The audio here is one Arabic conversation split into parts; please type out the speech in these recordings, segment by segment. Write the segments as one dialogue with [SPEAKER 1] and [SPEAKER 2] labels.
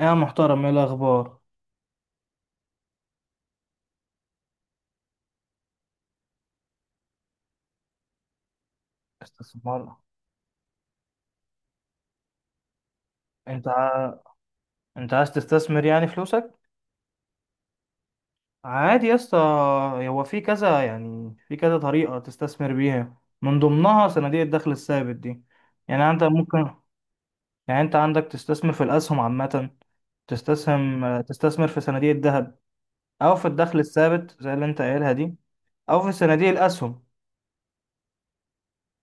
[SPEAKER 1] يا محترم، ايه الاخبار؟ استثمار. انت ع... انت عايز تستثمر يعني فلوسك. عادي يا اسطى. هو في كذا، يعني في كذا طريقه تستثمر بيها، من ضمنها صناديق الدخل الثابت دي. يعني انت ممكن. يعني انت عندك تستثمر في الاسهم عامه. تستثمر في صناديق الذهب او في الدخل الثابت زي اللي انت قايلها دي او في صناديق الاسهم.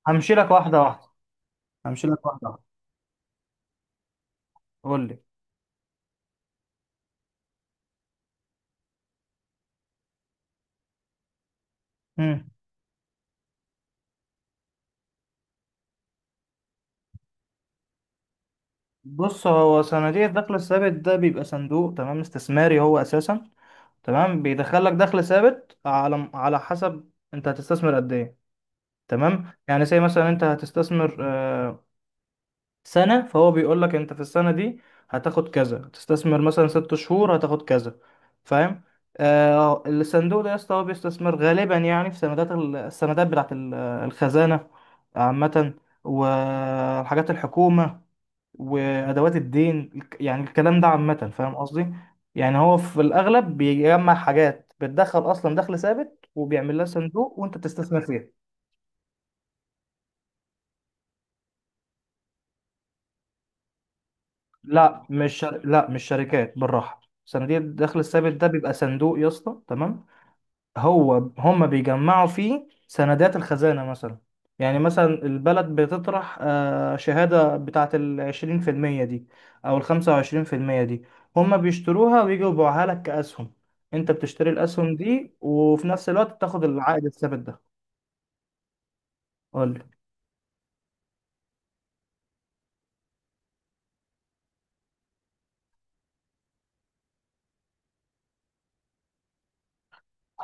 [SPEAKER 1] همشي لك واحده واحده همشي لك واحده واحده. قول لي. بص، هو صناديق الدخل الثابت ده بيبقى صندوق، تمام، استثماري هو اساسا. تمام، بيدخلك دخل ثابت على حسب انت هتستثمر قد ايه. تمام، يعني زي مثلا انت هتستثمر سنة، فهو بيقول لك انت في السنة دي هتاخد كذا، هتستثمر مثلا 6 شهور هتاخد كذا. فاهم؟ الصندوق ده يا اسطى هو بيستثمر غالبا، يعني في سندات السندات بتاعت الخزانة عامة، والحاجات الحكومة، وادوات الدين يعني الكلام ده عامه، فاهم قصدي؟ يعني هو في الاغلب بيجمع حاجات بتدخل اصلا دخل ثابت وبيعمل لها صندوق وانت بتستثمر فيها. لا مش شركات، بالراحه. صناديق الدخل الثابت ده بيبقى صندوق يا اسطى، تمام. هو هم بيجمعوا فيه سندات الخزانة مثلا. يعني مثلا البلد بتطرح شهادة بتاعة العشرين في المية دي أو الخمسة وعشرين في المية دي. هم بيشتروها ويجوا يبيعوها لك كأسهم. أنت بتشتري الأسهم دي وفي نفس الوقت تاخد العائد الثابت ده. قول لي.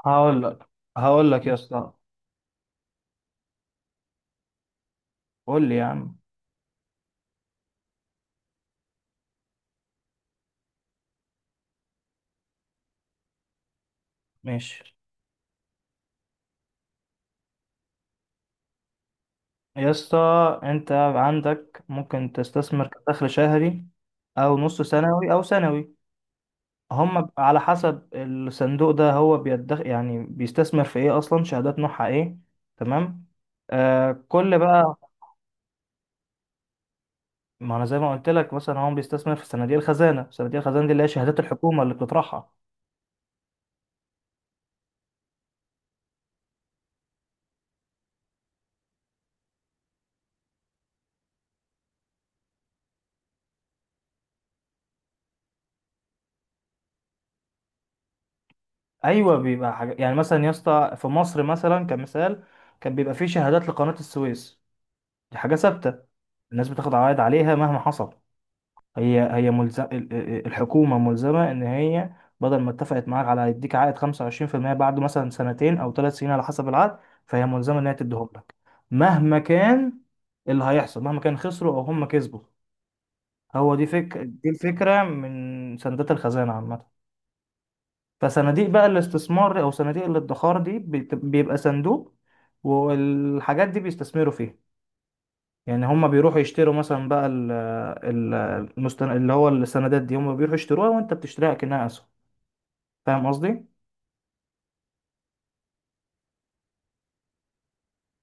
[SPEAKER 1] هقول لك هقول لك يا اسطى. قول لي يا عم. ماشي يا اسطى. أنت عندك ممكن تستثمر كدخل شهري أو نص سنوي أو سنوي. هم على حسب الصندوق ده هو يعني بيستثمر في ايه اصلا، شهادات نوعها ايه. تمام. كل بقى. ما انا زي ما قلت لك، مثلا هو بيستثمر في صناديق الخزانه. صناديق الخزانه دي اللي هي شهادات الحكومه اللي بتطرحها. ايوه، بيبقى حاجه، يعني مثلا يا اسطى في مصر مثلا كمثال كان بيبقى فيه شهادات لقناه السويس. دي حاجه ثابته. الناس بتاخد عوائد عليها مهما حصل. هي ملزم. الحكومة ملزمة إن هي بدل ما اتفقت معاك على هيديك عائد 25% بعد مثلا سنتين أو 3 سنين على حسب العقد، فهي ملزمة إن هي تديهم لك مهما كان. اللي هيحصل مهما كان، خسروا أو هم كسبوا. هو دي دي الفكرة من صندوق الخزانة عامة. فصناديق بقى الاستثمار أو صناديق الادخار دي بيبقى صندوق، والحاجات دي بيستثمروا فيها. يعني هم بيروحوا يشتروا مثلا بقى ال اللي هو السندات دي. هم بيروحوا يشتروها وانت بتشتريها كأنها اسهم. فاهم قصدي؟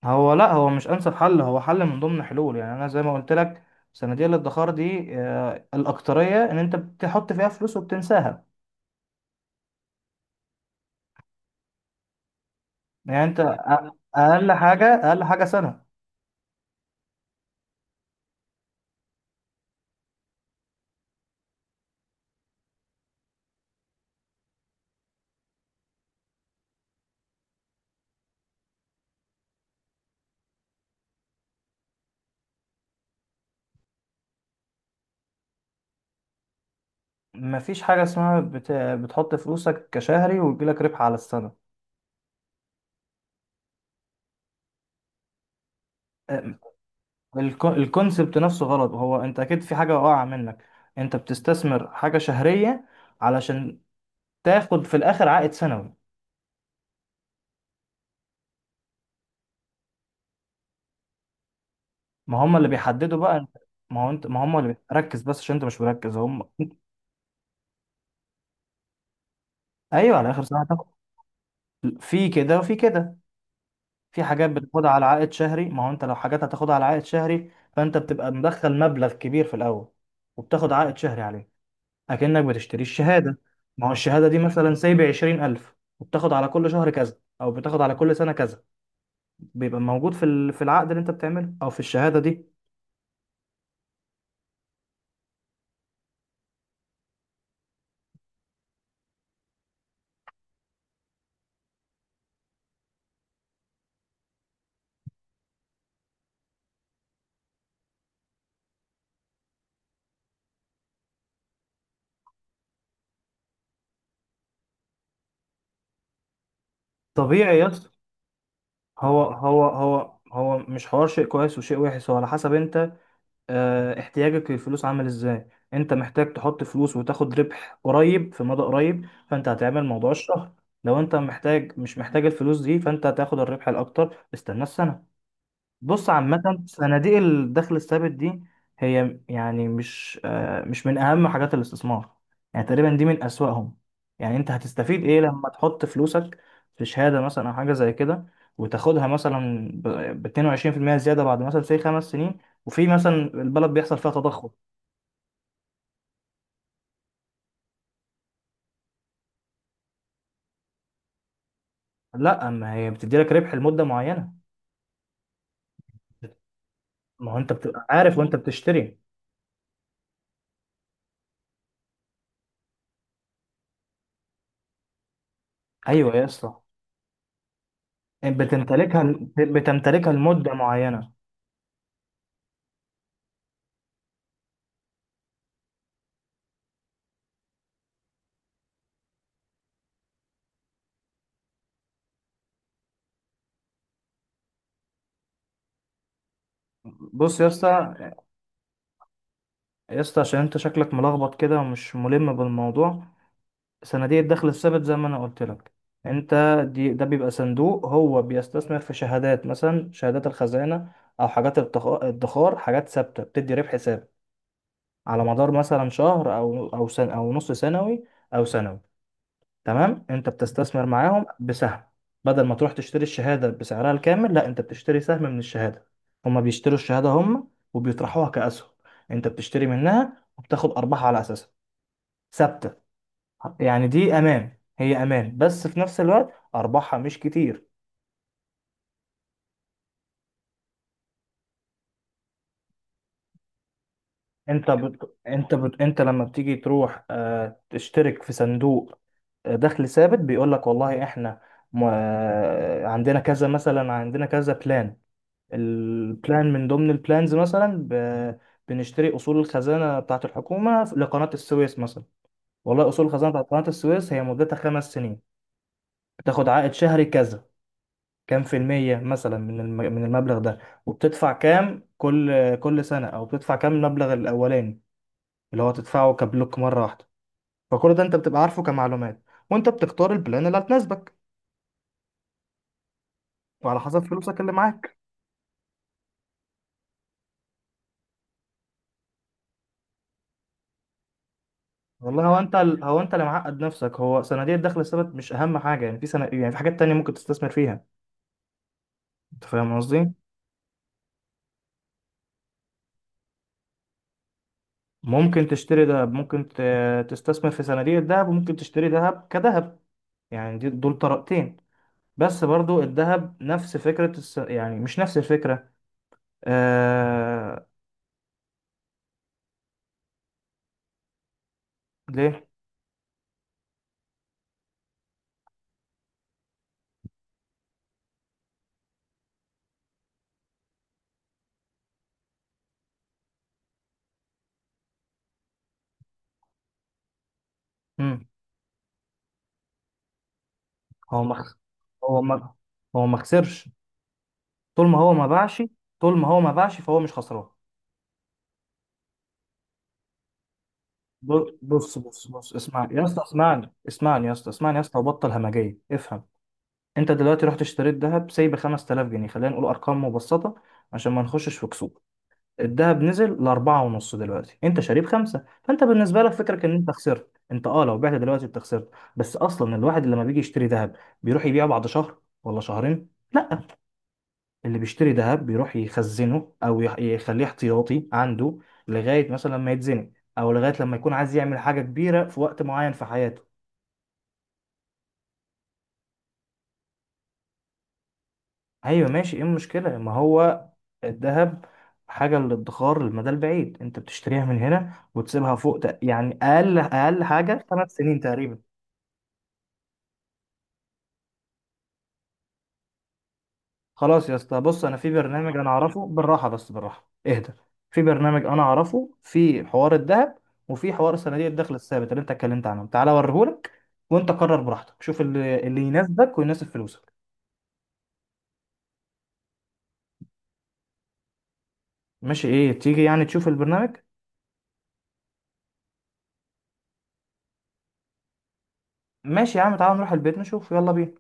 [SPEAKER 1] هو لا، هو مش انسب حل، هو حل من ضمن حلول، يعني انا زي ما قلت لك صناديق الادخار دي الاكتريه ان انت بتحط فيها فلوس وبتنساها. يعني انت اقل حاجه اقل حاجه سنه. مفيش حاجه اسمها بتحط فلوسك كشهري ويجيلك ربح على السنه. آه، الكونسبت نفسه غلط، هو انت اكيد في حاجة واقعة منك. انت بتستثمر حاجة شهرية علشان تاخد في الاخر عائد سنوي. ما هم اللي بيحددوا بقى انت. ما هو انت ما هم اللي ركز بس عشان انت مش مركز هم. ايوه، على اخر سنة هتاخد. في كده وفي كده. في حاجات بتاخدها على عائد شهري، ما هو انت لو حاجات هتاخدها على عائد شهري فانت بتبقى مدخل مبلغ كبير في الاول وبتاخد عائد شهري عليه، اكنك بتشتري الشهادة. ما هو الشهادة دي مثلا سايب 20,000 وبتاخد على كل شهر كذا او بتاخد على كل سنة كذا. بيبقى موجود في العقد اللي انت بتعمله او في الشهاده دي. طبيعي يا اسطى. هو مش حوار شيء كويس وشيء وحش، هو على حسب انت، اه احتياجك للفلوس عامل ازاي. انت محتاج تحط فلوس وتاخد ربح قريب في مدى قريب، فانت هتعمل موضوع الشهر. لو انت محتاج مش محتاج الفلوس دي فانت هتاخد الربح الاكتر، استنى السنه. بص عامة صناديق الدخل الثابت دي هي يعني مش مش من أهم حاجات الاستثمار، يعني تقريبا دي من أسوأهم. يعني أنت هتستفيد إيه لما تحط فلوسك في شهادة مثلا أو حاجة زي كده وتاخدها مثلا ب 22% زيادة بعد مثلا 5 سنين، وفي مثلا البلد بيحصل فيها تضخم. لا، ما هي بتدي لك ربح لمدة معينة. ما هو أنت بتبقى عارف وأنت بتشتري. أيوه يا اسطى. بتمتلكها. بتمتلكها لمدة معينة. بص يا اسطى، عشان انت شكلك ملخبط كده ومش ملم بالموضوع. صناديق الدخل الثابت زي ما انا قلت لك، انت، ده بيبقى صندوق، هو بيستثمر في شهادات مثلا شهادات الخزانة او حاجات الادخار، حاجات ثابتة بتدي ربح ثابت على مدار مثلا شهر او او نص سنوي او سنوي. تمام، انت بتستثمر معاهم بسهم. بدل ما تروح تشتري الشهادة بسعرها الكامل، لا انت بتشتري سهم من الشهادة. هما بيشتروا الشهادة هما، وبيطرحوها كأسهم. انت بتشتري منها وبتاخد ارباح على اساسها ثابته. يعني دي امان، هي امان، بس في نفس الوقت ارباحها مش كتير. انت لما بتيجي تروح تشترك في صندوق دخل ثابت، بيقول لك والله احنا م... آه، عندنا كذا مثلا، عندنا كذا بلان. البلان من ضمن البلانز مثلا بنشتري اصول الخزانه بتاعت الحكومه لقناه السويس مثلا. والله اصول الخزانه بتاعت قناه السويس هي مدتها 5 سنين، بتاخد عائد شهري كذا، كام في المية مثلا من المبلغ ده، وبتدفع كام كل سنة أو بتدفع كام المبلغ الأولاني اللي هو تدفعه كبلوك مرة واحدة. فكل ده أنت بتبقى عارفه كمعلومات، وأنت بتختار البلان اللي هتناسبك وعلى حسب فلوسك اللي معاك. والله هو هو أنت اللي معقد نفسك، هو صناديق الدخل الثابت مش أهم حاجة، يعني في سنة يعني في حاجات تانية ممكن تستثمر فيها. أنت فاهم قصدي؟ ممكن تشتري دهب، ممكن تستثمر في صناديق الدهب، وممكن تشتري دهب كدهب. يعني دول طريقتين. بس برضو الذهب نفس فكرة يعني مش نفس الفكرة. آه... ليه؟ مم. هو ما خ- هو ما هو ما خسرش طول ما هو ما باعش. طول ما هو ما باعش فهو مش خسران. بص بص بص، اسمعني يا اسطى، اسمعني، اسمعني يا اسطى، اسمعني يا اسطى، وبطل همجية، افهم. انت دلوقتي رحت اشتريت ذهب سايب 5000 جنيه، خلينا نقول ارقام مبسطة عشان ما نخشش في كسوف. الذهب نزل لأربعة ونص، دلوقتي انت شاريه بخمسة، فانت بالنسبة لك فكرك ان انت خسرت، انت اه لو بعت دلوقتي انت خسرت. بس اصلا الواحد لما بيجي يشتري ذهب بيروح يبيعه بعد شهر ولا شهرين، لا. اللي بيشتري ذهب بيروح يخزنه او يخليه احتياطي عنده لغاية مثلا لما يتزنق، او لغاية لما يكون عايز يعمل حاجة كبيرة في وقت معين في حياته. ايوه ماشي، ايه المشكلة؟ ما هو الذهب حاجة للادخار للمدى البعيد، انت بتشتريها من هنا وتسيبها فوق، يعني اقل اقل حاجه 5 سنين تقريبا. خلاص يا اسطى، بص انا في برنامج انا اعرفه، بالراحه، بس بالراحه اهدى. في برنامج انا اعرفه في حوار الذهب وفي حوار صناديق الدخل الثابت اللي انت اتكلمت عنه، تعالى اوريهولك. وانت قرر براحتك، شوف اللي يناسبك ويناسب فلوسك. ماشي، ايه تيجي يعني تشوف البرنامج؟ ماشي يا عم، تعالى نروح البيت نشوف، يلا بينا.